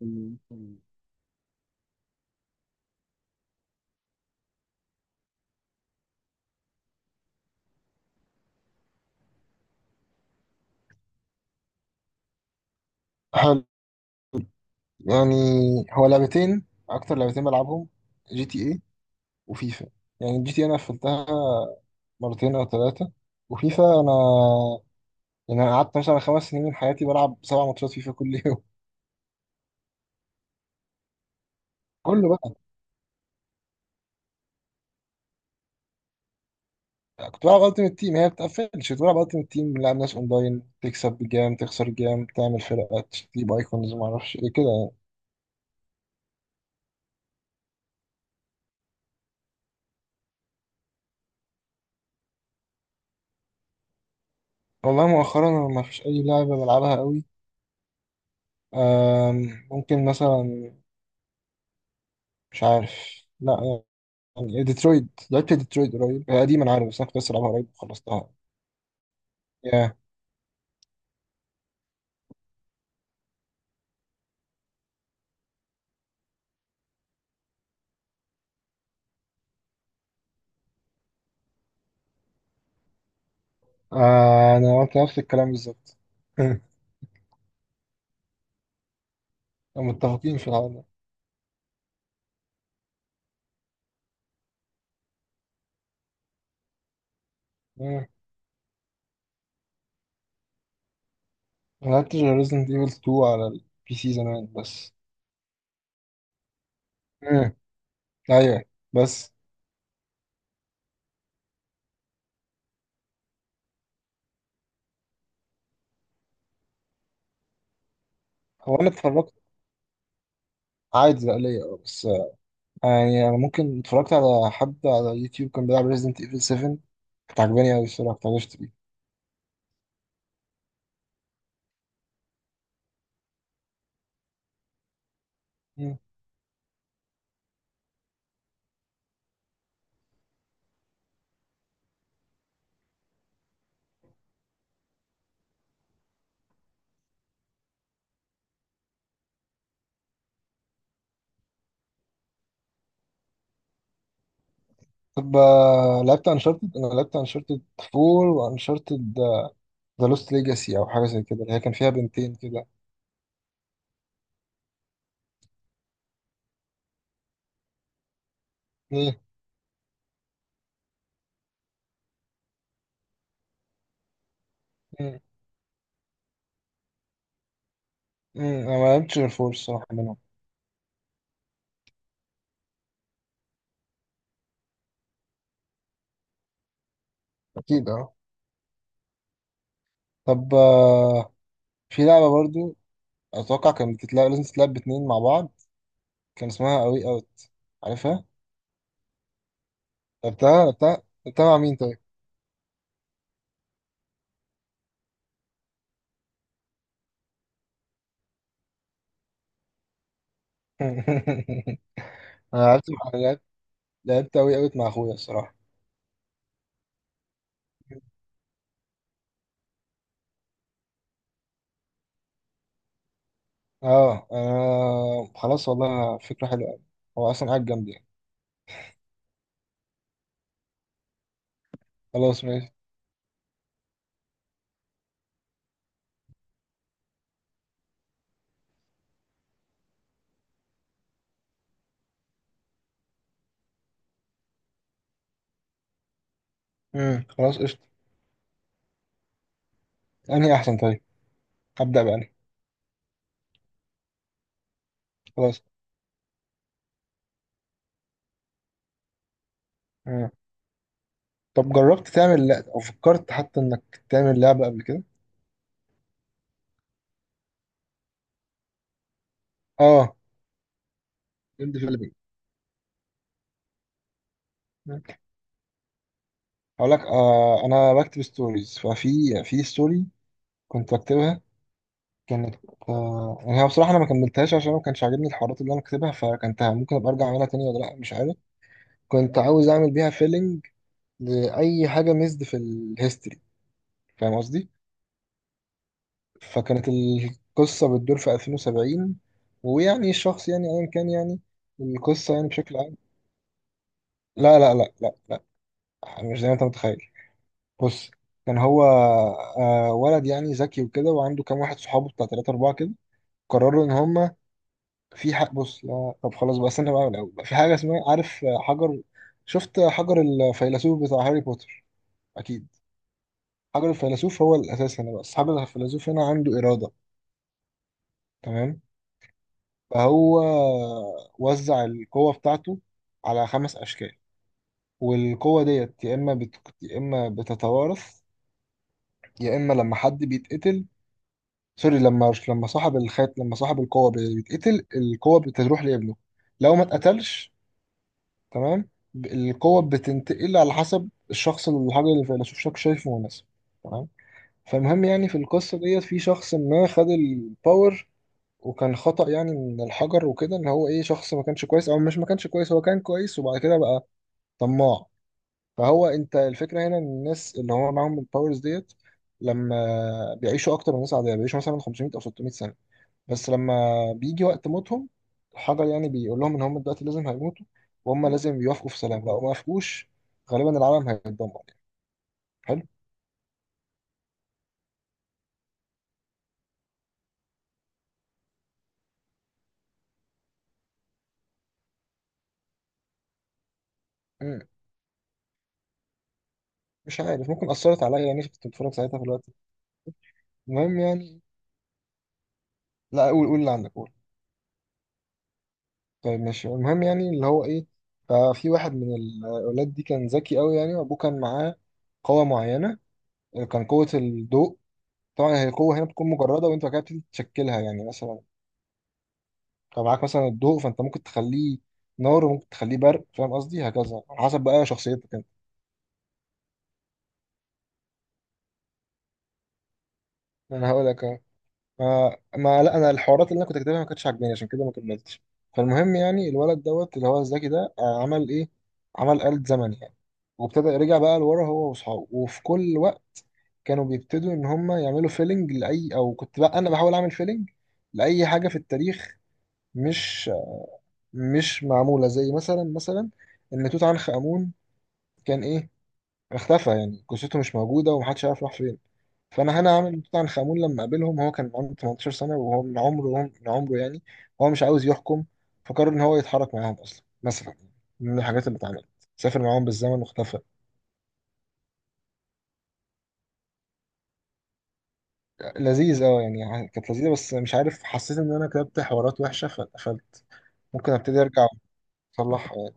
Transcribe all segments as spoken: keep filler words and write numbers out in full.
مم. مم. حلو، يعني هو لعبتين، اكتر لعبتين بلعبهم: جي تي اي وفيفا. يعني جي تي إيه انا قفلتها مرتين او ثلاثه، وفيفا انا يعني انا قعدت مثلا خمس سنين من حياتي بلعب سبع ماتشات فيفا كل يوم. كله بقى. كنت بلعب التيمت تيم، هي ما بتقفلش. كنت بلعب التيمت تيم، بنلعب ناس اونلاين، تكسب بجام تخسر جام، تعمل فرقات تجيب ايكونز، ما اعرفش ايه كده يعني. والله مؤخرا انا ما فيش اي لعبه بلعبها قوي. أم، ممكن مثلا مش عارف، لا، يعني ديترويت. لعبت ديترويت قريب، هي قديمة أنا عارف بس أنا كنت لسه بلعبها قريب وخلصتها. ياه. آه أنا قلت نفس الكلام بالظبط. متفقين في العالم. مم. ما لعبتش غير Resident Evil اتنين على البي سي زمان بس. مم. أيوه بس. هو أنا اتفرجت عادي ليا أه بس. آه، يعني أنا ممكن اتفرجت على حد على يوتيوب كان بيلعب Resident Evil سفن، كانت عجباني أوي الصراحة، كنت عايز أشتريه. مم. طب آه، لعبت انشارتد، انا لعبت انشارتد فور وانشارتد ذا لوست ليجاسي او حاجه زي كده، اللي هي كان فيها بنتين كده. مم. مم. مم. انا ما لعبتش غير فور الصراحه منهم. اكيد اه. طب آه، في لعبه برضو، اتوقع كانت بتتلعب، لازم تتلعب باتنين مع بعض، كان اسمها اوي اوت، عارفها. لعبتها لعبتها لعبتها مع مين طيب؟ انا لعبت مع لعبت لعبت اوي اوت مع اخويا الصراحه. اه انا خلاص، والله فكره حلوه أوي. هو اصلا قاعد جنبي يعني. خلاص ماشي. مم. خلاص قشطه. انهي احسن طيب؟ ابدا بقى أنهي. خلاص. طب جربت تعمل لع- او فكرت حتى انك تعمل لعبه قبل كده؟ اه جيم ديفلوبينج. هقول لك، آه انا بكتب ستوريز، ففي في ستوري كنت بكتبها، كانت آه، يعني هي بصراحه انا ما كملتهاش عشان ما كانش عاجبني الحوارات اللي انا كاتبها، فكنتها ممكن ابقى ارجع اعملها تاني ولا لا مش عارف. كنت عاوز اعمل بيها فيلنج لاي حاجه ميزد في الهيستوري، فاهم قصدي. فكانت القصه بتدور في ألفين وسبعين، ويعني الشخص يعني ايا كان يعني القصه يعني بشكل عام. لا لا لا لا لا، يعني مش زي ما انت متخيل. بص، كان هو آه، ولد يعني ذكي وكده، وعنده كام واحد صحابه بتاع تلاتة أربعة كده، قرروا إن هما في حق. بص لا طب خلاص بقى، استنى بقى من الأول بقى، في حاجة اسمها عارف آه، حجر. شفت حجر الفيلسوف بتاع هاري بوتر؟ أكيد. حجر الفيلسوف هو الأساس هنا بقى. أصحاب الفيلسوف هنا عنده إرادة، تمام؟ فهو آه، وزع القوة بتاعته على خمس أشكال. والقوة ديت يا إما بت... يا إما بتتوارث، يا إما لما حد بيتقتل. سوري، لما لما صاحب الخات، لما صاحب القوة بيتقتل القوة بتروح لابنه، لو ما اتقتلش. تمام. ب- القوة بتنتقل على حسب الشخص اللي الحاجة اللي الفيلسوف شاك- شايفه مناسب. تمام. فالمهم يعني في القصة ديت في شخص ما خد الباور. وكان خطأ يعني من الحجر وكده ان هو ايه، شخص ما كانش كويس، او مش، ما كانش كويس، هو كان كويس وبعد كده بقى طماع. فهو، انت الفكرة هنا ان الناس اللي هو معاهم الباورز ديت لما بيعيشوا اكتر من الناس عادية، بيعيشوا مثلا خمسمائة او ستمائة سنة. بس لما بيجي وقت موتهم الحجر يعني بيقول لهم ان هم دلوقتي لازم هيموتوا، وهم لازم يوافقوا في سلام، لو ما وافقوش غالبا العالم هيتدمر يعني. حلو. مم. مش عارف، ممكن اثرت عليا يعني، كنت بتفرج ساعتها في الوقت. المهم يعني، لا قول قول اللي عندك قول. طيب ماشي. المهم يعني اللي هو ايه، ففي واحد من الاولاد دي كان ذكي قوي يعني، وابوه كان معاه قوه معينه، كان قوه الضوء. طبعا هي قوه هنا بتكون مجرده، وانت بعد كده بتبتدي تشكلها يعني مثلا، فمعاك مثلا الضوء، فانت ممكن تخليه نار وممكن تخليه برق، فاهم قصدي، هكذا على حسب بقى شخصيتك انت. انا هقول لك أهو. ما ما لا انا الحوارات اللي انا كنت كاتبها ما كانتش عاجباني عشان كده ما كملتش. فالمهم يعني الولد دوت اللي هو الذكي ده آه، عمل ايه، عمل آلة زمن يعني، وابتدى رجع بقى لورا، هو واصحابه، وفي كل وقت كانوا بيبتدوا ان هم يعملوا فيلنج لاي، او كنت بقى انا بحاول اعمل فيلنج لاي حاجه في التاريخ مش مش معموله، زي مثلا مثلا ان توت عنخ امون كان ايه، اختفى يعني جثته مش موجودة ومحدش عارف راح فين. فأنا هنا عامل طبعا خامون لما قابلهم هو كان عنده 18 سنة، وهو من عمره من عمره يعني هو مش عاوز يحكم، فقرر إن هو يتحرك معاهم. أصلا مثلا من الحاجات اللي اتعملت سافر معاهم بالزمن واختفى. لذيذ اه، يعني كانت لذيذة بس مش عارف، حسيت إن أنا كتبت حوارات وحشة فاتقفلت. ممكن أبتدي أرجع وأصلحها يعني.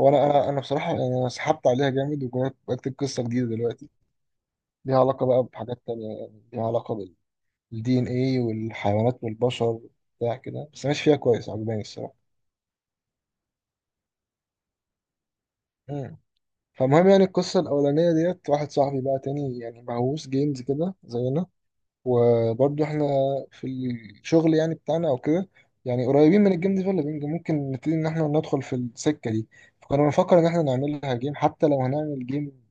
هو أنا أنا أنا بصراحة يعني، أنا سحبت عليها جامد وجربت بكتب قصة جديدة دلوقتي، ليها علاقة بقى بحاجات تانية، يعني ليها علاقة الدي ان ايه والحيوانات والبشر بتاع كده، بس ماشي فيها كويس، عجباني الصراحه. مم. فالمهم يعني القصه الاولانيه ديت، واحد صاحبي بقى تاني يعني مهووس جيمز كده زينا، وبرضه احنا في الشغل يعني بتاعنا او كده يعني قريبين من الجيم ديفلوبينج، ممكن نبتدي ان احنا ندخل في السكه دي. فكنا بنفكر ان احنا نعملها جيم، حتى لو هنعمل جيم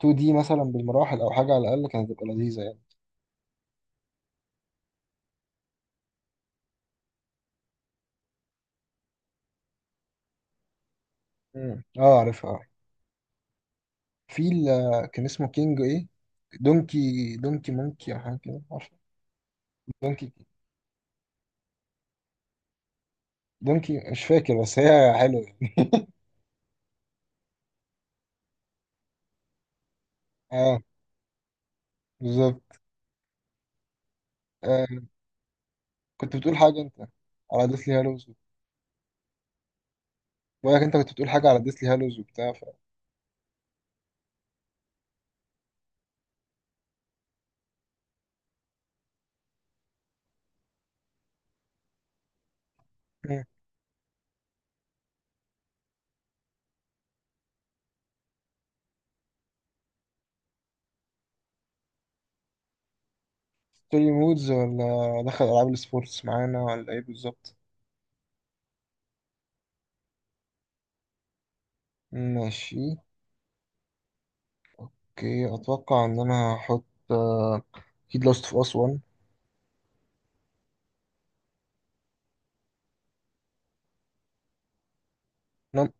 تو دي مثلا بالمراحل او حاجه، على الاقل كانت هتبقى لذيذه يعني. مم. اه عارفها. في ال- كان اسمه كينج ايه، دونكي دونكي مونكي او حاجه كده، عارف؟ دونكي دونكي مش فاكر، بس هي حلوه يعني. اه بالظبط. آه كنت بتقول حاجه انت على ديسلي هالوز. بقولك انت كنت بتقول حاجه على ديسلي هالوز وبتاع ف... مم. ستوري مودز ولا دخل العاب السبورتس معانا ولا ايه بالظبط؟ ماشي. اوكي، اتوقع ان انا هحط آه، اكيد لاست اوف اس ون. أنا-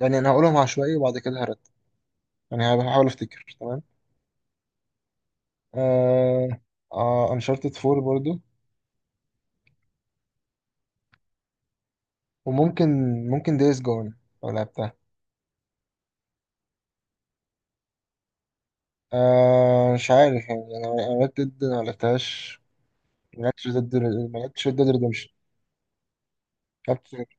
يعني انا هقولهم عشوائي وبعد كده هرد. يعني هحاول افتكر، تمام آه، آه انشارتد فور برضو، وممكن ممكن دايز جون لو لعبتها. آه مش عارف يعني انا، أنا ريد ديد ما لعبتهاش. ما لعبتش ريد ديد، ما لعبتش ريد ديد ريدمشن. لعبت.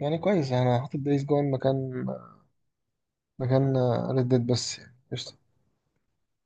يعني كويس، انا هحط دايز جون مكان مكان ريد ديد بس يعني قشطة.